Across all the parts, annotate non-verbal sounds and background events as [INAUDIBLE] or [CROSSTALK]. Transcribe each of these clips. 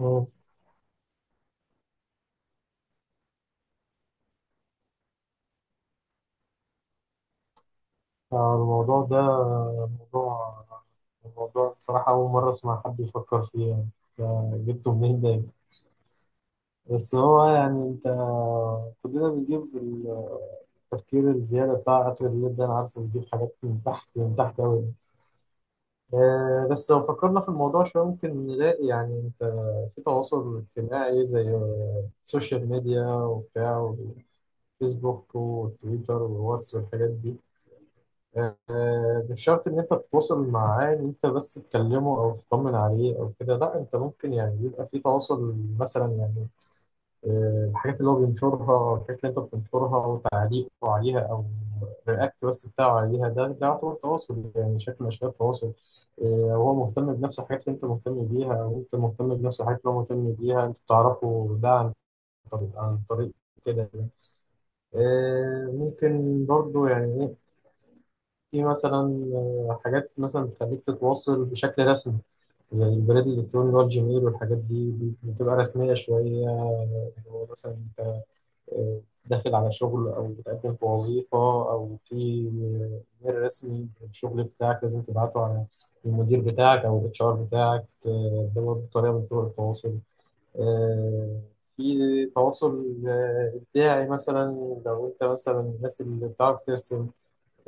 مم. الموضوع ده موضوع الموضوع بصراحة أول مرة أسمع حد يفكر فيه، يعني ده جبته منين ده؟ بس هو يعني، كلنا بنجيب التفكير الزيادة بتاع آخر الليل ده، أنا عارفه بيجيب حاجات من تحت، من تحت أوي. بس لو فكرنا في الموضوع شوية ممكن نلاقي، يعني في تواصل اجتماعي زي السوشيال ميديا وبتاع، والفيسبوك والتويتر والواتس والحاجات دي. مش شرط ان انت تتواصل معاه ان انت بس تكلمه او تطمن عليه او كده، لا انت ممكن يعني يبقى في تواصل مثلا يعني. الحاجات اللي هو بينشرها او الحاجات اللي انت بتنشرها او تعليقه عليها او الرياكت بس بتاعه عليها، ده يعتبر تواصل، يعني شكل من اشكال التواصل. آه، وهو مهتم بنفس الحاجات اللي انت مهتم بيها او انت مهتم بنفس الحاجات اللي هو مهتم بيها، انتوا بتعرفوا ده عن طريق كده يعني. ممكن برضو يعني إيه، في مثلا حاجات مثلا بتخليك تتواصل بشكل رسمي، زي البريد الإلكتروني اللي هو الجيميل والحاجات دي، بتبقى رسمية شوية. اللي هو مثلا أنت آه، داخل على شغل أو بتقدم في وظيفة، أو في ميل رسمي الشغل بتاعك لازم تبعته على المدير بتاعك أو الاتش ار بتاعك. ده برضه طريقة من طرق التواصل. آه، في تواصل إبداعي مثلا، لو أنت مثلا الناس اللي بتعرف ترسم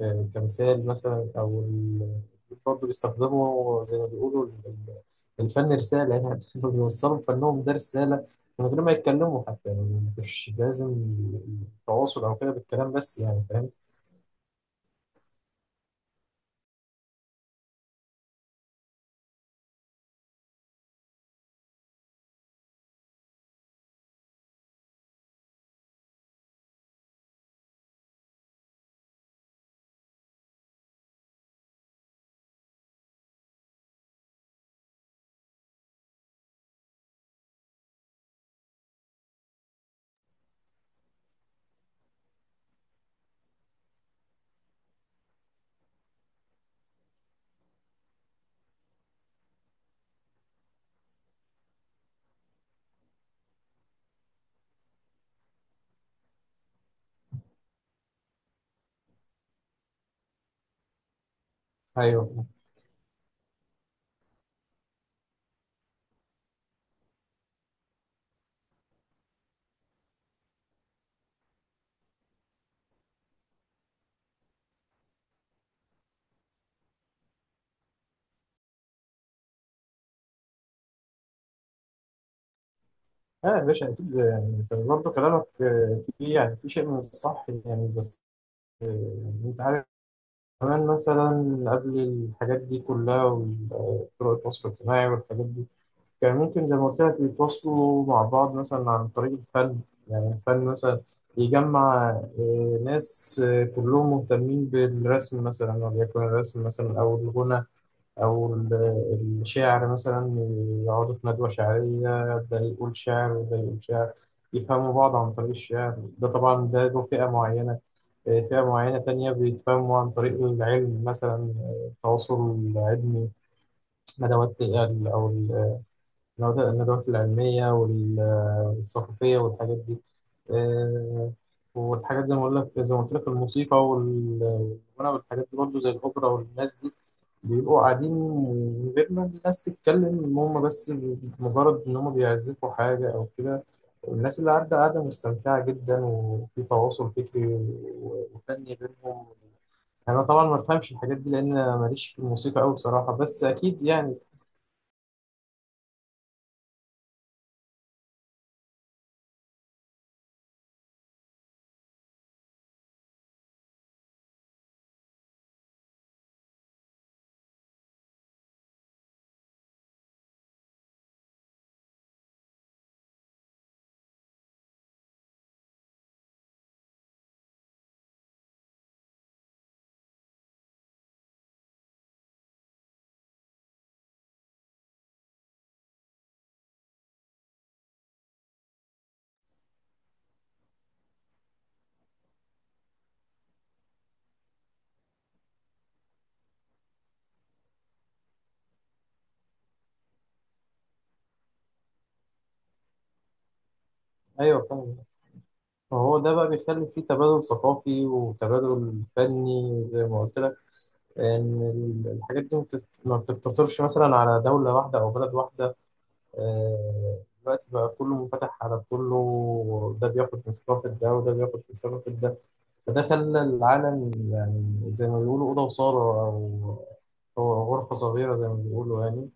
كمثال مثلا، أو برضه بيستخدموا زي ما بيقولوا الفن رسالة، يعني [LAUGHS] إنه بيوصلوا فنهم ده رسالة من غير ما يتكلموا حتى، يعني مش لازم التواصل أو كده بالكلام بس، يعني فاهم؟ أيوه، اه يا باشا أكيد، يعني أنت برضه كلامك فيه يعني، في شيء من الصح يعني. بس آه، يعني أنت عارف، كمان مثلا قبل الحاجات دي كلها وطرق التواصل الاجتماعي والحاجات دي، كان ممكن زي ما قلت لك يتواصلوا مع بعض مثلا عن طريق الفن. يعني الفن مثلا يجمع ناس كلهم مهتمين بالرسم مثلا، وليكن الرسم مثلا، أو الغنى، أو الشعر مثلا. يقعدوا في ندوة شعرية، ده يقول شعر وده يقول شعر، يفهموا بعض عن طريق الشعر. ده طبعا ده له فئة معينة. فئة معينة تانية بيتفهموا عن طريق العلم مثلا، التواصل العلمي، ندوات أو الندوات العلمية والثقافية والحاجات دي. آه، والحاجات زي ما أقول لك، زي ما قلت لك، الموسيقى والغنى والحاجات دي برضه، زي الأوبرا والناس دي بيبقوا قاعدين من غير ما الناس تتكلم، إن هم بس مجرد إن هم بيعزفوا حاجة أو كده، الناس اللي قاعدة مستمتعة جدا، وفي تواصل فكري وفني بينهم. أنا طبعا ما بفهمش الحاجات دي لأن أنا ماليش في الموسيقى أوي بصراحة، بس أكيد يعني. أيوه فاهم. فهو ده بقى بيخلي فيه تبادل ثقافي وتبادل فني زي ما قلت لك، ان الحاجات دي ما بتست-، ما بتقتصرش مثلا على دولة واحدة او بلد واحدة. دلوقتي بقى كله منفتح على كله، ده بياخد من ثقافة ده وده بياخد من ثقافة ده. فده خلى العالم، يعني زي ما بيقولوا، أوضة وصالة، أو أو غرفة صغيرة زي ما بيقولوا يعني.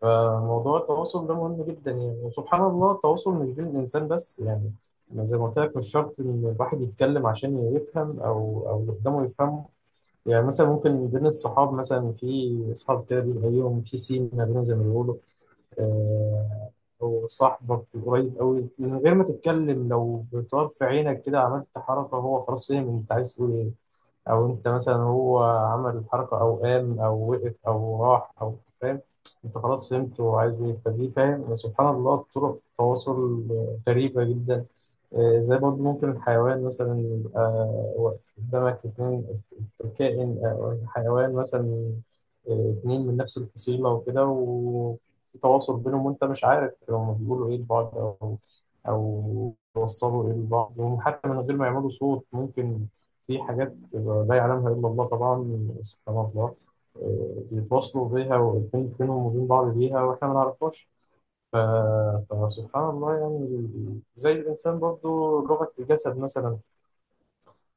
فموضوع التواصل ده مهم جدا يعني، وسبحان الله التواصل مش بين الإنسان بس يعني. أنا زي ما قلت لك مش شرط إن الواحد يتكلم عشان يفهم، أو اللي قدامه يفهمه. يعني مثلا ممكن بين الصحاب مثلا، في أصحاب كده بيبقى ليهم في سين ما بينهم زي ما بيقولوا. آه، وصاحبك قريب قوي، من غير ما تتكلم لو بطرف عينك كده عملت حركة، هو خلاص فاهم أنت عايز تقول إيه. او انت مثلا هو عمل الحركه او قام او وقف او راح او فاهم، انت خلاص فهمت هو عايز ايه. فدي فاهم، سبحان الله، طرق تواصل غريبه جدا. زي برضه ممكن الحيوان مثلا يبقى واقف قدامك، اتنين كائن أو حيوان مثلا، اتنين من نفس الفصيلة وكده، وفي تواصل بينهم وأنت مش عارف هما بيقولوا إيه لبعض، أو أو بيوصلوا إيه لبعض، وحتى من غير ما يعملوا صوت، ممكن في حاجات لا يعلمها إلا الله طبعا، سبحان الله، بيتواصلوا بيها بينهم وبين بعض بيها وإحنا ما نعرفهاش. ف- فسبحان الله يعني، زي الإنسان برضو لغة الجسد مثلا،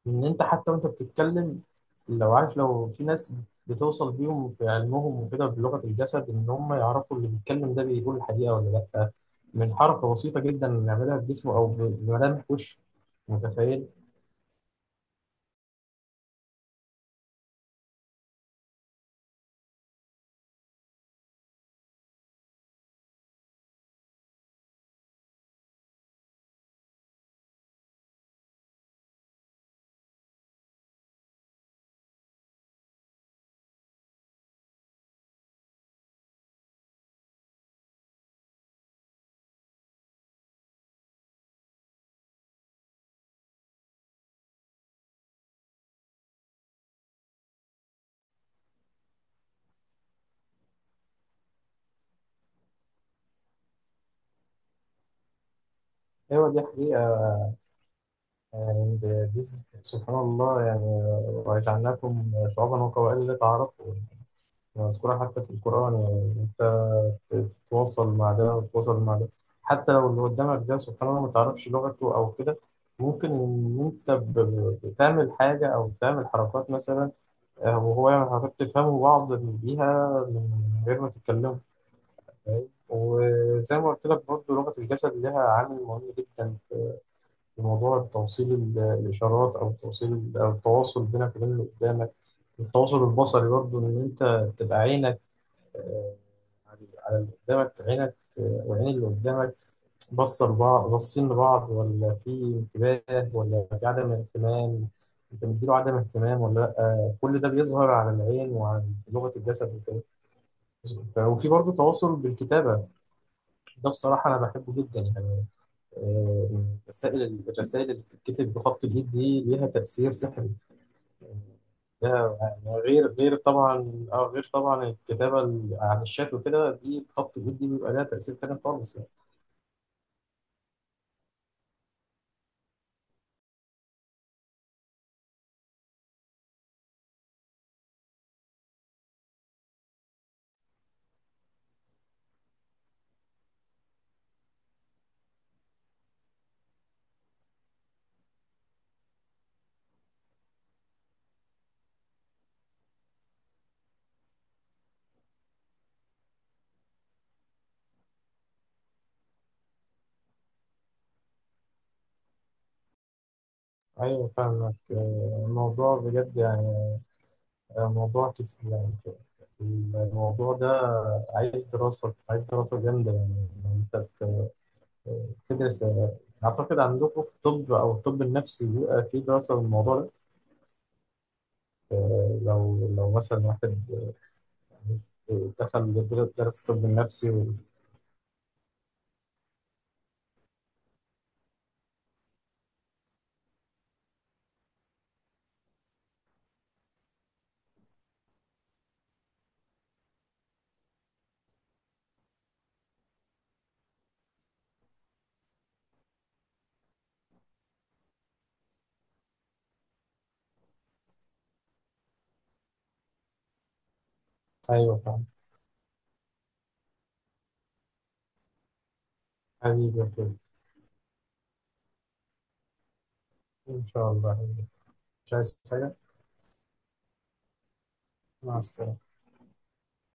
إن أنت حتى وأنت بتتكلم، لو عارف، لو في ناس بتوصل بيهم في علمهم وكده بلغة الجسد، إن هم يعرفوا اللي بيتكلم ده بيقول الحقيقة ولا لأ، من حركة بسيطة جدا بنعملها بجسمه أو بملامح وشه، متخيل؟ أيوة دي حقيقة، يعني دي، سبحان الله يعني. وجعلناكم شعوبا وقبائل لتعارفوا، مذكورة حتى في القرآن، يعني أنت تتواصل مع ده وتتواصل مع ده، حتى لو اللي قدامك ده سبحان الله ما تعرفش لغته أو كده، ممكن إن أنت بتعمل حاجة أو بتعمل حركات مثلا، وهو يعمل حركات تفهموا بعض بيها من غير ما تتكلموا، فاهم؟ وزي ما قلت لك برضه لغة الجسد لها عامل مهم جدا في موضوع توصيل الإشارات، أو توصيل أو التواصل بينك وبين اللي قدامك. التواصل البصري برضه، إن أنت تبقى عينك آه، على اللي قدامك، عينك والعين اللي قدامك بصوا لبعض، باصين لبعض، ولا في انتباه، ولا في عدم اهتمام. انت مديله عدم اهتمام ولا لا، كل ده بيظهر على العين وعلى لغة الجسد وكده. وفي برضه تواصل بالكتابة، ده بصراحة أنا بحبه جدا يعني. مسائل الرسائل اللي بتتكتب بخط الإيد دي ليها تأثير سحري. لا، يعني غير طبعا، غير طبعا الكتابة عن الشات وكده، دي بخط الإيد دي بيبقى لها تأثير تاني خالص يعني. أيوة فاهمك. الموضوع بجد يعني، موضوع كتير يعني، الموضوع ده عايز دراسة، عايز دراسة جامدة يعني، إن أنت تدرس. أعتقد عندكم في الطب أو الطب النفسي بيبقى في دراسة للموضوع ده. لو مثلا واحد دخل درس الطب النفسي أيوة فاهم. حبيبي، إن شاء الله. مش عايز حاجة. مع السلامة.